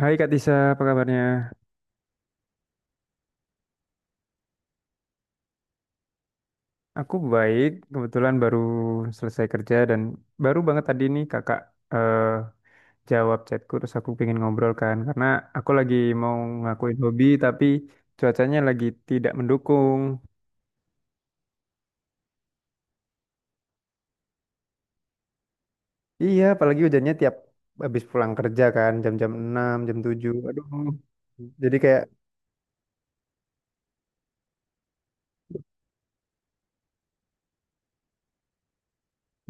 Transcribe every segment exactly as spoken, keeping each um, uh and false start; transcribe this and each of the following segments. Hai Kak Tisa, apa kabarnya? Aku baik, kebetulan baru selesai kerja dan baru banget tadi nih kakak eh, jawab chatku, terus aku pengen ngobrol kan, karena aku lagi mau ngakuin hobi tapi cuacanya lagi tidak mendukung. Iya, apalagi hujannya tiap habis pulang kerja kan jam-jam enam, jam tujuh. Aduh. Jadi kayak,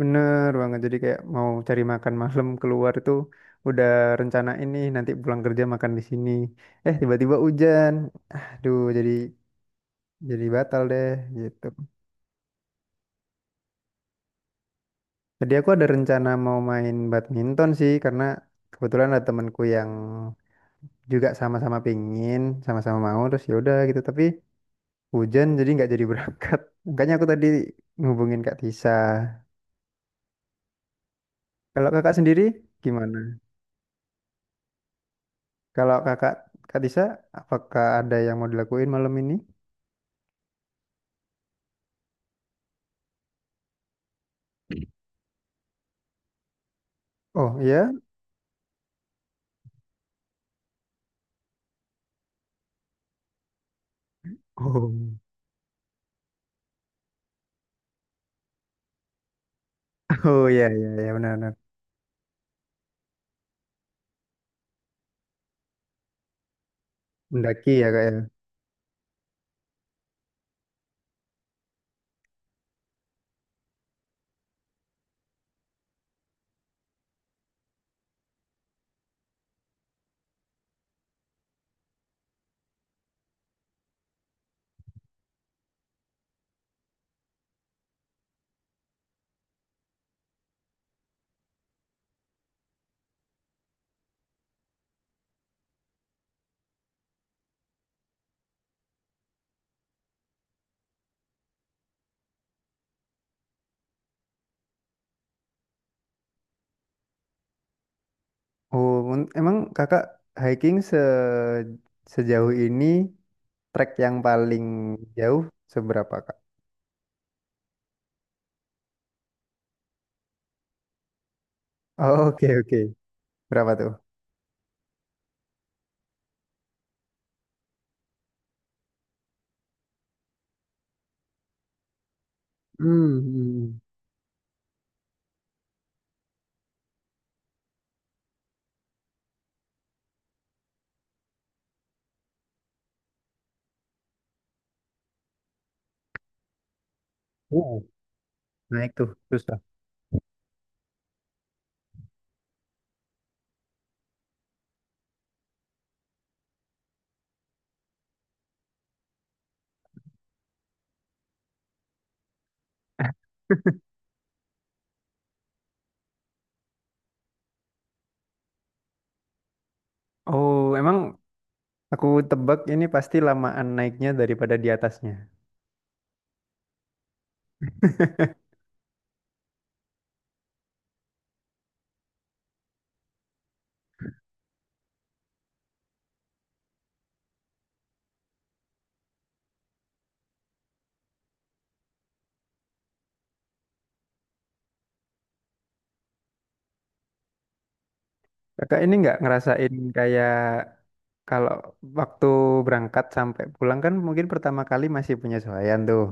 bener banget, jadi kayak mau cari makan malam keluar itu udah rencana ini nanti pulang kerja makan di sini. Eh, tiba-tiba hujan. Aduh, jadi jadi batal deh gitu. Jadi aku ada rencana mau main badminton sih, karena kebetulan ada temanku yang juga sama-sama pingin, sama-sama mau, terus ya udah gitu. Tapi hujan jadi nggak jadi berangkat. Makanya aku tadi ngubungin Kak Tisa. Kalau kakak sendiri gimana? Kalau kakak Kak Tisa, apakah ada yang mau dilakuin malam ini? Oh iya? Oh. Oh, iya iya iya, benar-benar. Mendaki ya kak ya. Oh, men- emang kakak hiking se sejauh ini, trek yang paling jauh seberapa kak? Oh, oke oke, berapa tuh? Hmm, hmm, hmm. Wow, naik tuh susah. Oh, emang aku tebak ini pasti lamaan naiknya daripada di atasnya. Kakak ini nggak ngerasain kayak, kalau waktu berangkat sampai pulang kan mungkin pertama kali masih penyesuaian tuh?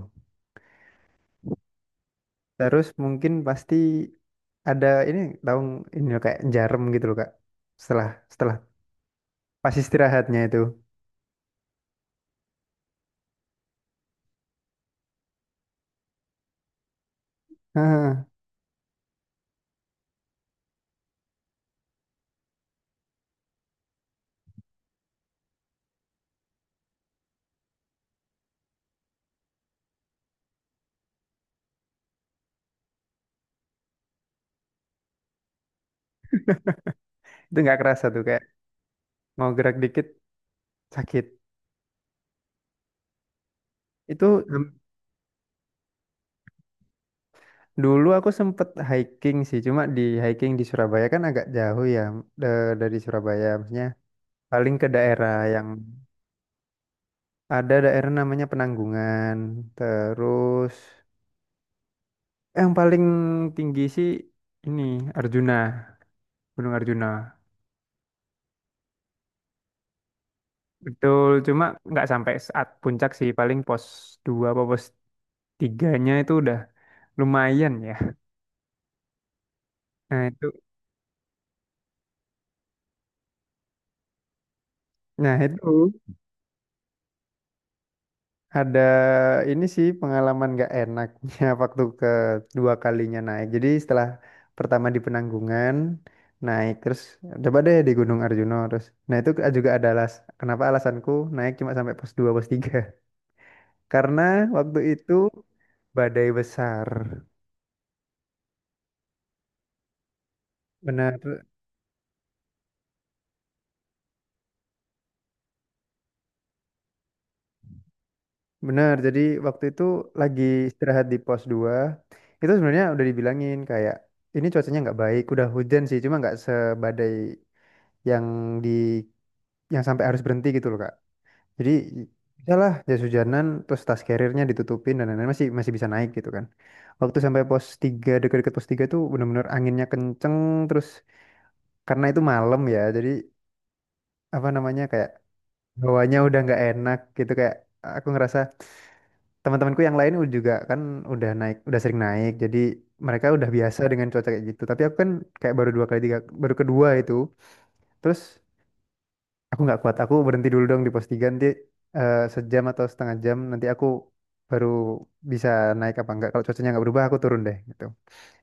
Terus mungkin pasti ada ini, tahu ini loh, kayak jarum gitu loh kak, setelah setelah pas istirahatnya itu. Heeh, itu nggak kerasa tuh kayak mau gerak dikit sakit itu. Hem, dulu aku sempet hiking sih, cuma di hiking di Surabaya kan agak jauh ya, da- dari Surabaya maksudnya. Paling ke daerah yang ada, daerah namanya Penanggungan. Terus yang paling tinggi sih ini Arjuna, Gunung Arjuna. Betul, cuma nggak sampai saat puncak sih, paling pos dua apa pos tiganya itu udah lumayan ya. Nah itu, nah itu ada ini sih, pengalaman nggak enaknya waktu kedua kalinya naik. Jadi setelah pertama di Penanggungan naik, terus coba deh di Gunung Arjuna. Terus, nah itu juga ada alas kenapa alasanku naik cuma sampai pos dua pos tiga. Karena waktu itu badai besar. Benar. Benar, jadi waktu itu lagi istirahat di pos dua, itu sebenarnya udah dibilangin kayak, ini cuacanya nggak baik, udah hujan sih, cuma nggak sebadai yang di yang sampai harus berhenti gitu loh Kak. Jadi udahlah jas hujanan, terus tas carrier-nya ditutupin dan lain-lain, masih masih bisa naik gitu kan. Waktu sampai pos tiga, dekat-dekat pos tiga tuh bener-bener anginnya kenceng. Terus karena itu malam ya, jadi apa namanya kayak bawahnya udah nggak enak gitu, kayak aku ngerasa teman-temanku yang lain udah juga kan, udah naik udah sering naik, jadi mereka udah biasa dengan cuaca kayak gitu tapi aku kan kayak baru dua kali tiga, baru kedua itu. Terus aku nggak kuat, aku berhenti dulu dong di pos tiga. Nanti eh, sejam atau setengah jam nanti aku baru bisa naik apa enggak, kalau cuacanya nggak berubah aku turun deh gitu.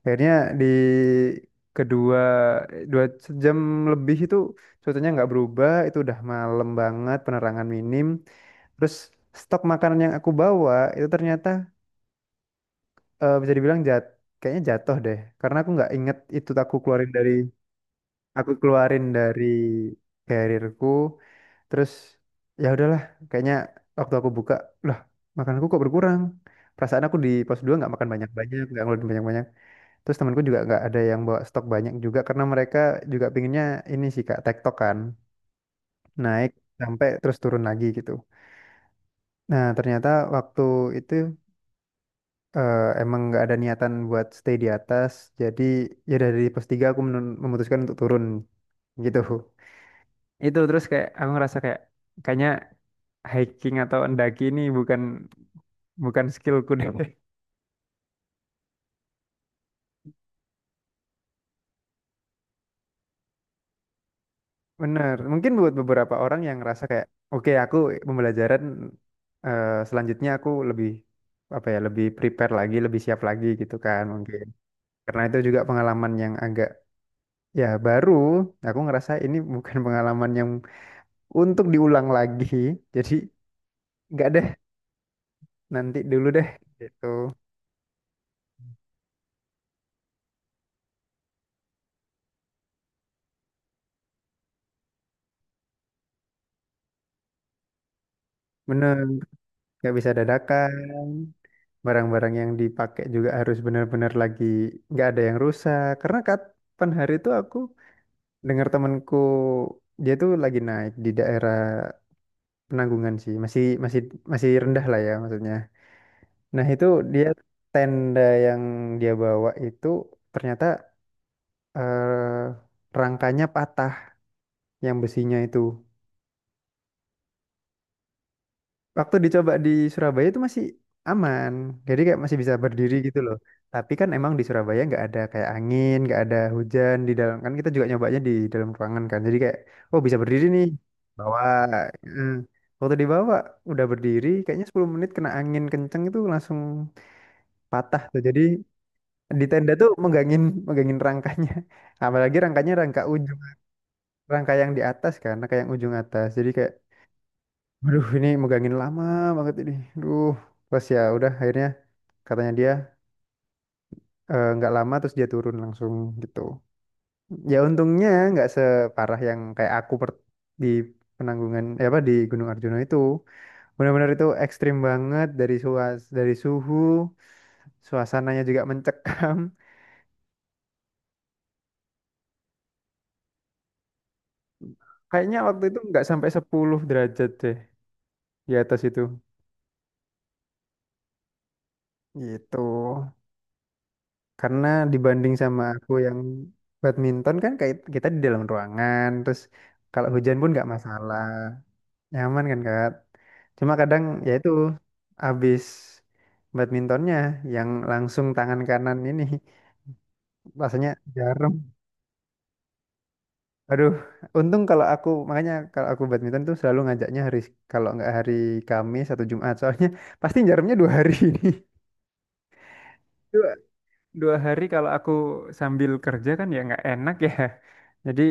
Akhirnya di kedua dua jam lebih itu cuacanya nggak berubah, itu udah malam banget, penerangan minim. Terus stok makanan yang aku bawa itu ternyata, eh, bisa dibilang jat kayaknya jatuh deh, karena aku nggak inget itu, aku keluarin dari aku keluarin dari karirku. Terus ya udahlah, kayaknya waktu aku buka, lah, makananku kok berkurang? Perasaan aku di pos dua nggak makan banyak-banyak, nggak ngeluarin banyak-banyak. Terus temanku juga nggak ada yang bawa stok banyak juga, karena mereka juga pinginnya ini sih kak tektok kan, naik sampai terus turun lagi gitu. Nah ternyata waktu itu, eh, emang nggak ada niatan buat stay di atas. Jadi ya dari pos tiga aku menun- memutuskan untuk turun gitu. Itu terus kayak aku ngerasa kayak, kayaknya hiking atau mendaki ini bukan bukan skillku deh. Bener, mungkin buat beberapa orang yang ngerasa kayak, oke aku pembelajaran eh, selanjutnya aku lebih, apa ya, lebih prepare lagi, lebih siap lagi gitu kan mungkin. Karena itu juga pengalaman yang agak, ya, baru, aku ngerasa ini bukan pengalaman yang untuk diulang lagi. Jadi nggak deh, nanti dulu deh gitu. Bener, nggak bisa dadakan. Barang-barang yang dipakai juga harus benar-benar lagi nggak ada yang rusak. Karena kapan hari itu aku dengar temanku, dia tuh lagi naik di daerah Penanggungan sih, masih masih masih rendah lah ya maksudnya. Nah itu dia, tenda yang dia bawa itu ternyata, eh, rangkanya patah yang besinya itu. Waktu dicoba di Surabaya itu masih aman, jadi kayak masih bisa berdiri gitu loh. Tapi kan emang di Surabaya nggak ada kayak angin, nggak ada hujan di dalam kan, kita juga nyobanya di dalam ruangan kan, jadi kayak, oh bisa berdiri nih. bawa eh, waktu dibawa udah berdiri kayaknya sepuluh menit kena angin kenceng, itu langsung patah tuh. Jadi di tenda tuh megangin megangin rangkanya. Apalagi rangkanya rangka ujung, rangka yang di atas kan, rangka yang ujung atas, jadi kayak, aduh, ini megangin lama banget ini. Aduh, pas ya udah akhirnya, katanya dia, eh, nggak lama terus dia turun langsung gitu. Ya untungnya nggak separah yang kayak aku per- di Penanggungan, eh, apa di Gunung Arjuna itu. Benar-benar itu ekstrim banget, dari suas dari suhu, suasananya juga mencekam. Kayaknya waktu itu nggak sampai sepuluh derajat deh di atas itu. Gitu. Karena dibanding sama aku yang badminton kan, kayak kita di dalam ruangan, terus kalau hujan pun nggak masalah, nyaman kan Kak. Cuma kadang ya itu habis badmintonnya yang langsung tangan kanan ini rasanya jarum. Aduh, untung kalau aku, makanya kalau aku badminton tuh selalu ngajaknya hari, kalau nggak hari Kamis atau Jumat, soalnya pasti jarumnya dua hari ini. Dua hari kalau aku sambil kerja kan ya nggak enak ya. Jadi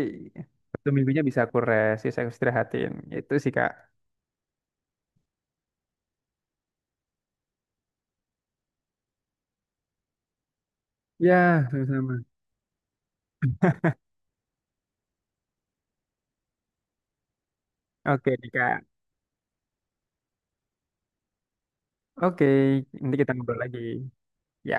satu minggunya bisa aku rest, bisa aku istirahatin. Itu sih Kak. Ya, sama-sama. Oke nih Kak. Oke, nanti kita ngobrol lagi. Ya.